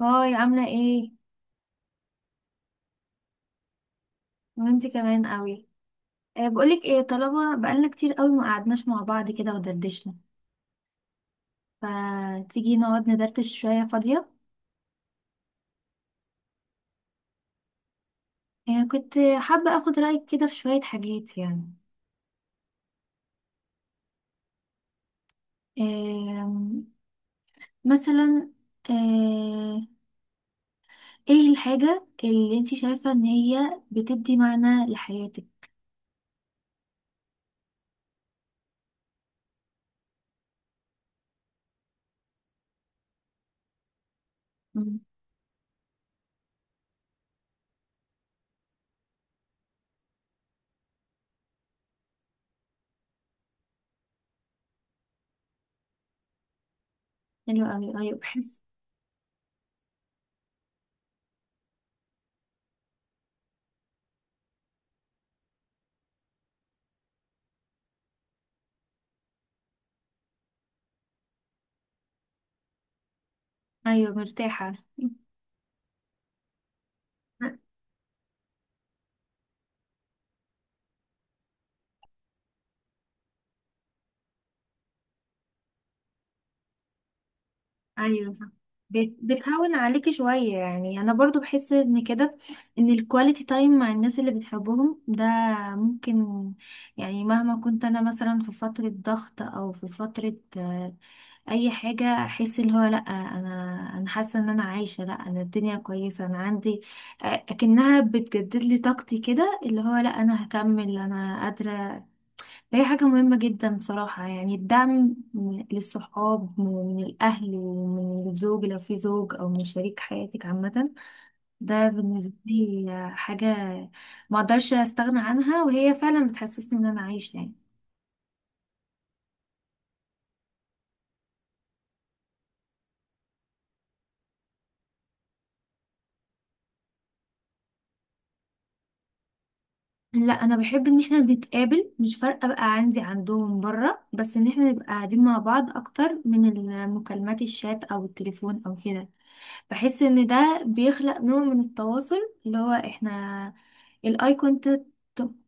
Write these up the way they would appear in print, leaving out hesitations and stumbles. هاي، عاملة ايه؟ وانتي كمان قوي. بقولك ايه، طالما بقالنا كتير قوي ما قعدناش مع بعض كده ودردشنا، فتيجي نقعد ندردش شوية فاضية. كنت حابة اخد رأيك كده في شوية حاجات يعني. أه مثلا أه ايه الحاجة اللي انتي شايفة ان هي بتدي معنى لحياتك؟ مم، حلو قوي، ايوه بحس. ايوه مرتاحة. ايوه صح. بتهون عليكي شوية، يعني انا برضو بحس ان كده، ان الكواليتي تايم مع الناس اللي بنحبهم ده ممكن، يعني مهما كنت انا مثلا في فترة ضغط او في فترة اي حاجة، احس اللي هو لا انا، انا حاسة ان انا عايشة، لا انا الدنيا كويسة انا عندي، اكنها بتجدد لي طاقتي كده، اللي هو لا انا هكمل انا قادرة. هي حاجة مهمة جدا بصراحة، يعني الدعم للصحاب من الأهل ومن الزوج لو في زوج، أو من شريك حياتك عامة. ده بالنسبة لي حاجة ما أقدرش أستغنى عنها، وهي فعلا بتحسسني إن أنا عايشة يعني. لا أنا بحب إن إحنا نتقابل، مش فارقة بقى عندي عندهم برا، بس إن إحنا نبقى قاعدين مع بعض أكتر من المكالمات، الشات أو التليفون أو كده. بحس ان ده بيخلق نوع من التواصل، اللي هو احنا الاي كونتاكت،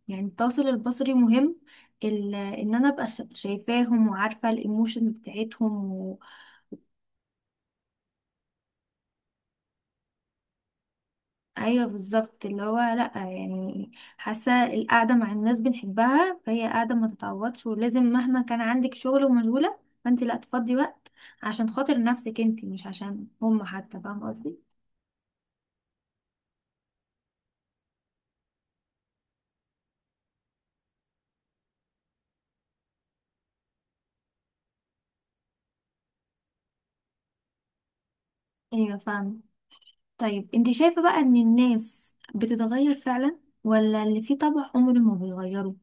يعني التواصل البصري مهم. ان انا ابقى شايفاهم وعارفه الايموشنز بتاعتهم و... ايوه بالظبط، اللي هو لا يعني، حاسه القعده مع الناس بنحبها فهي قعده ما تتعوضش، ولازم مهما كان عندك شغل ومشغوله، فانت لا تفضي وقت عشان خاطر نفسك، انت مش عشان هم حتى، فاهمه قصدي. ايوه فاهمه. طيب انت شايفة بقى ان الناس بتتغير فعلا، ولا اللي فيه طبع عمره ما بيغيره؟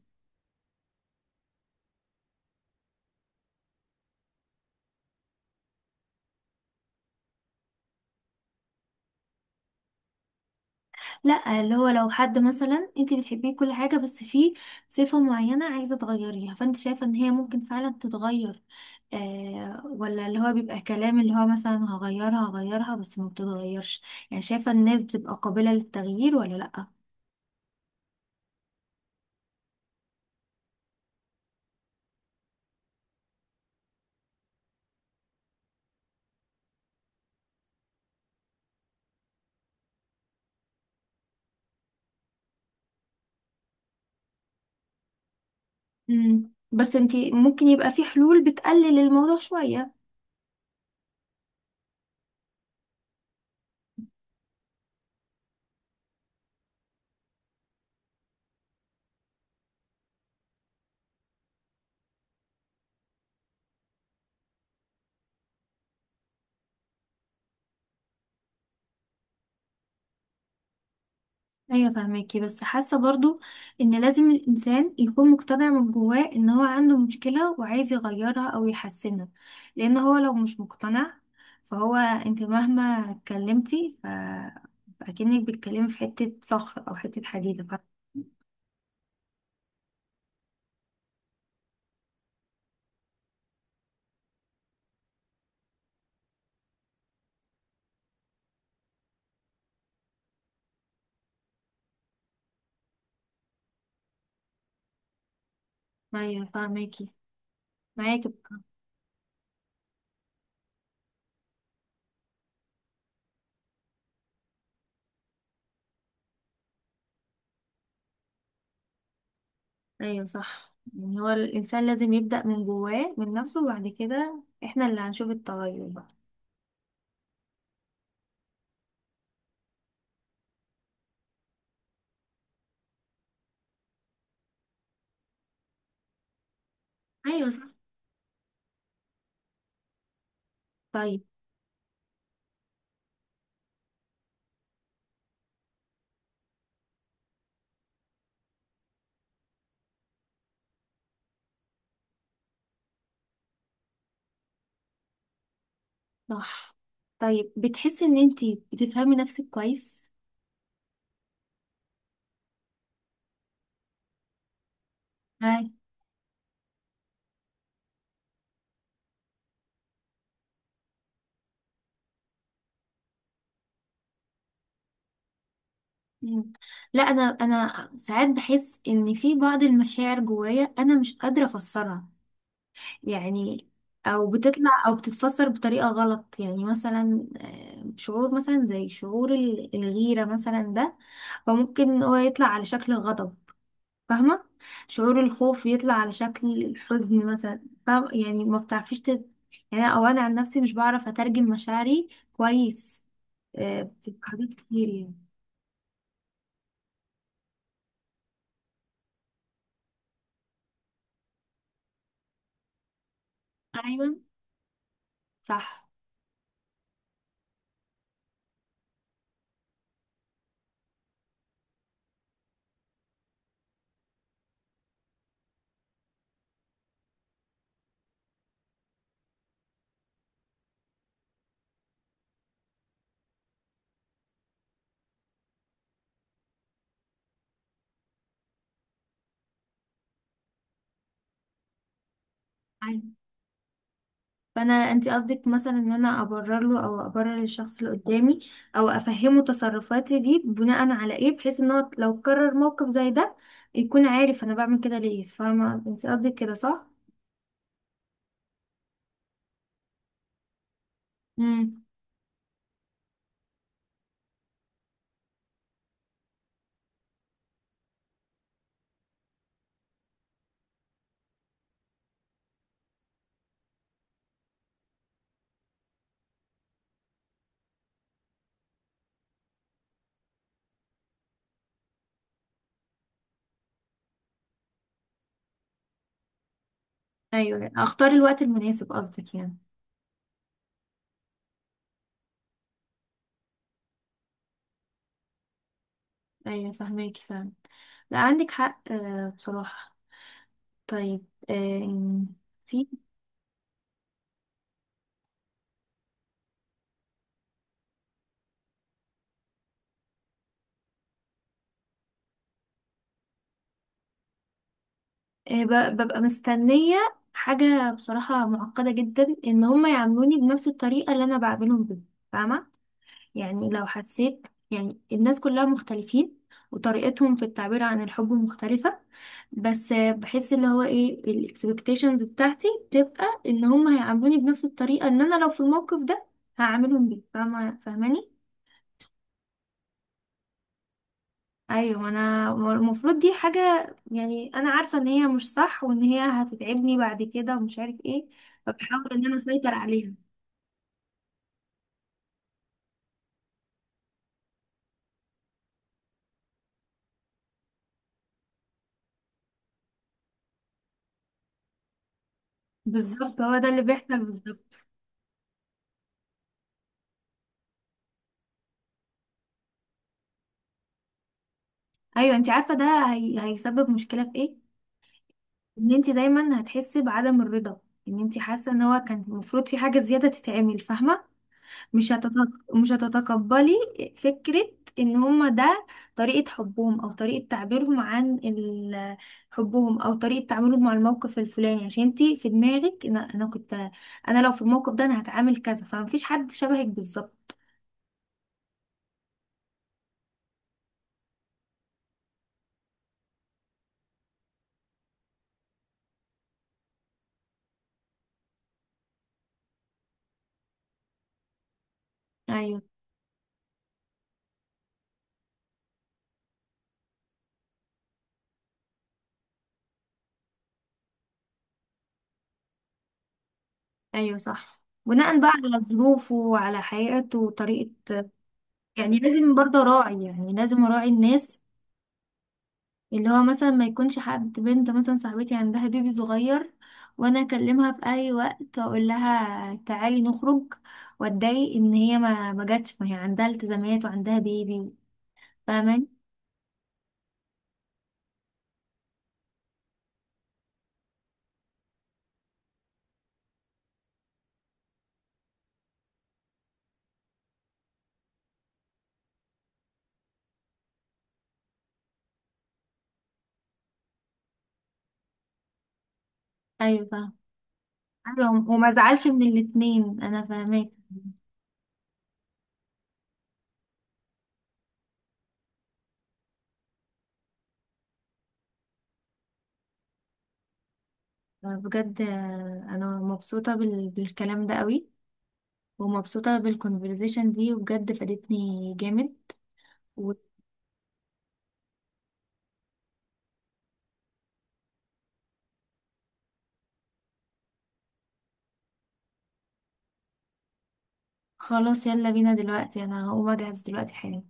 لا، اللي هو لو حد مثلا انت بتحبيه كل حاجة بس فيه صفة معينة عايزة تغيريها، فانت شايفة ان هي ممكن فعلا تتغير؟ ولا اللي هو بيبقى كلام، اللي هو مثلا هغيرها هغيرها بس ما بتتغيرش؟ يعني شايفة الناس بتبقى قابلة للتغيير ولا لا؟ بس انت ممكن يبقى في حلول بتقلل الموضوع شوية. ايوه فاهماكي بس حاسه برضو ان لازم الانسان يكون مقتنع من جواه ان هو عنده مشكله وعايز يغيرها او يحسنها. لان هو لو مش مقتنع، فهو انت مهما اتكلمتي فاكنك بتتكلمي في حته صخر او حته حديده ايوه فاهماكي معاكي. ايوه صح، يعني هو الانسان لازم يبدا من جواه من نفسه، وبعد كده احنا اللي هنشوف التغير بقى. ايوه، صح، طيب. صح طيب بتحسي ان انتي بتفهمي نفسك كويس؟ هاي. مم. لا انا ساعات بحس ان في بعض المشاعر جوايا انا مش قادره افسرها يعني، او بتطلع او بتتفسر بطريقه غلط، يعني مثلا شعور مثلا زي شعور الغيره مثلا ده، فممكن هو يطلع على شكل غضب، فاهمه؟ شعور الخوف يطلع على شكل الحزن مثلا، فاهم يعني، ما بتعرفيش يعني او انا عن نفسي مش بعرف اترجم مشاعري كويس، في حاجات كتير يعني. ايوه صح. أيوة. فانا انت قصدك مثلا ان انا ابرر له، او ابرر الشخص اللي قدامي، او افهمه تصرفاتي دي بناء على ايه، بحيث ان هو لو كرر موقف زي ده يكون عارف انا بعمل كده ليه، فاهمه انت قصدك كده صح؟ امم. ايوه، اختار الوقت المناسب قصدك يعني. ايوه فهماكي فعلا، لا عندك حق بصراحه. طيب في ببقى مستنيه حاجه بصراحه معقده جدا، ان هم يعاملوني بنفس الطريقه اللي انا بعملهم بيها، فاهمه؟ يعني لو حسيت، يعني الناس كلها مختلفين وطريقتهم في التعبير عن الحب مختلفة، بس بحس اللي هو ايه، الاكسبكتيشنز بتاعتي بتبقى ان هم هيعاملوني بنفس الطريقة، ان انا لو في الموقف ده هعاملهم بيه، فاهمة فاهماني؟ ايوه انا المفروض دي حاجة، يعني انا عارفة ان هي مش صح، وان هي هتتعبني بعد كده ومش عارف ايه. فبحاول ان انا اسيطر عليها. بالظبط، هو ده اللي بيحصل، بالظبط. ايوه انت عارفة ده. هيسبب مشكلة في ايه؟ ان انت دايما هتحسي بعدم الرضا، ان انت حاسه ان هو كان المفروض في حاجه زياده تتعمل، فاهمه؟ مش هتتق... مش هتتقبلي فكره ان هما ده طريقه حبهم، او طريقه تعبيرهم عن حبهم، او طريقه تعاملهم مع الموقف الفلاني، عشان انت في دماغك انا كنت، انا لو في الموقف ده انا هتعامل كذا، فمفيش حد شبهك بالظبط. ايوه. ايوه صح، بناء بقى على ظروفه وعلى حياته وطريقه، يعني لازم برضه اراعي، يعني لازم اراعي الناس، اللي هو مثلا ما يكونش حد بنت مثلا صاحبتي عندها بيبي صغير، وانا اكلمها في اي وقت واقول لها تعالي نخرج، واتضايق ان هي ما جاتش، ما هي عندها التزامات وعندها بيبي، فاهماني؟ ايوه فاهم. ايوه، وما زعلش من الاتنين، انا فاهماك. بجد انا مبسوطه بالكلام ده قوي، ومبسوطه بالكونفرزيشن دي وبجد فادتني جامد. وخلاص يلا بينا دلوقتي، انا هقوم اجهز دلوقتي حالا.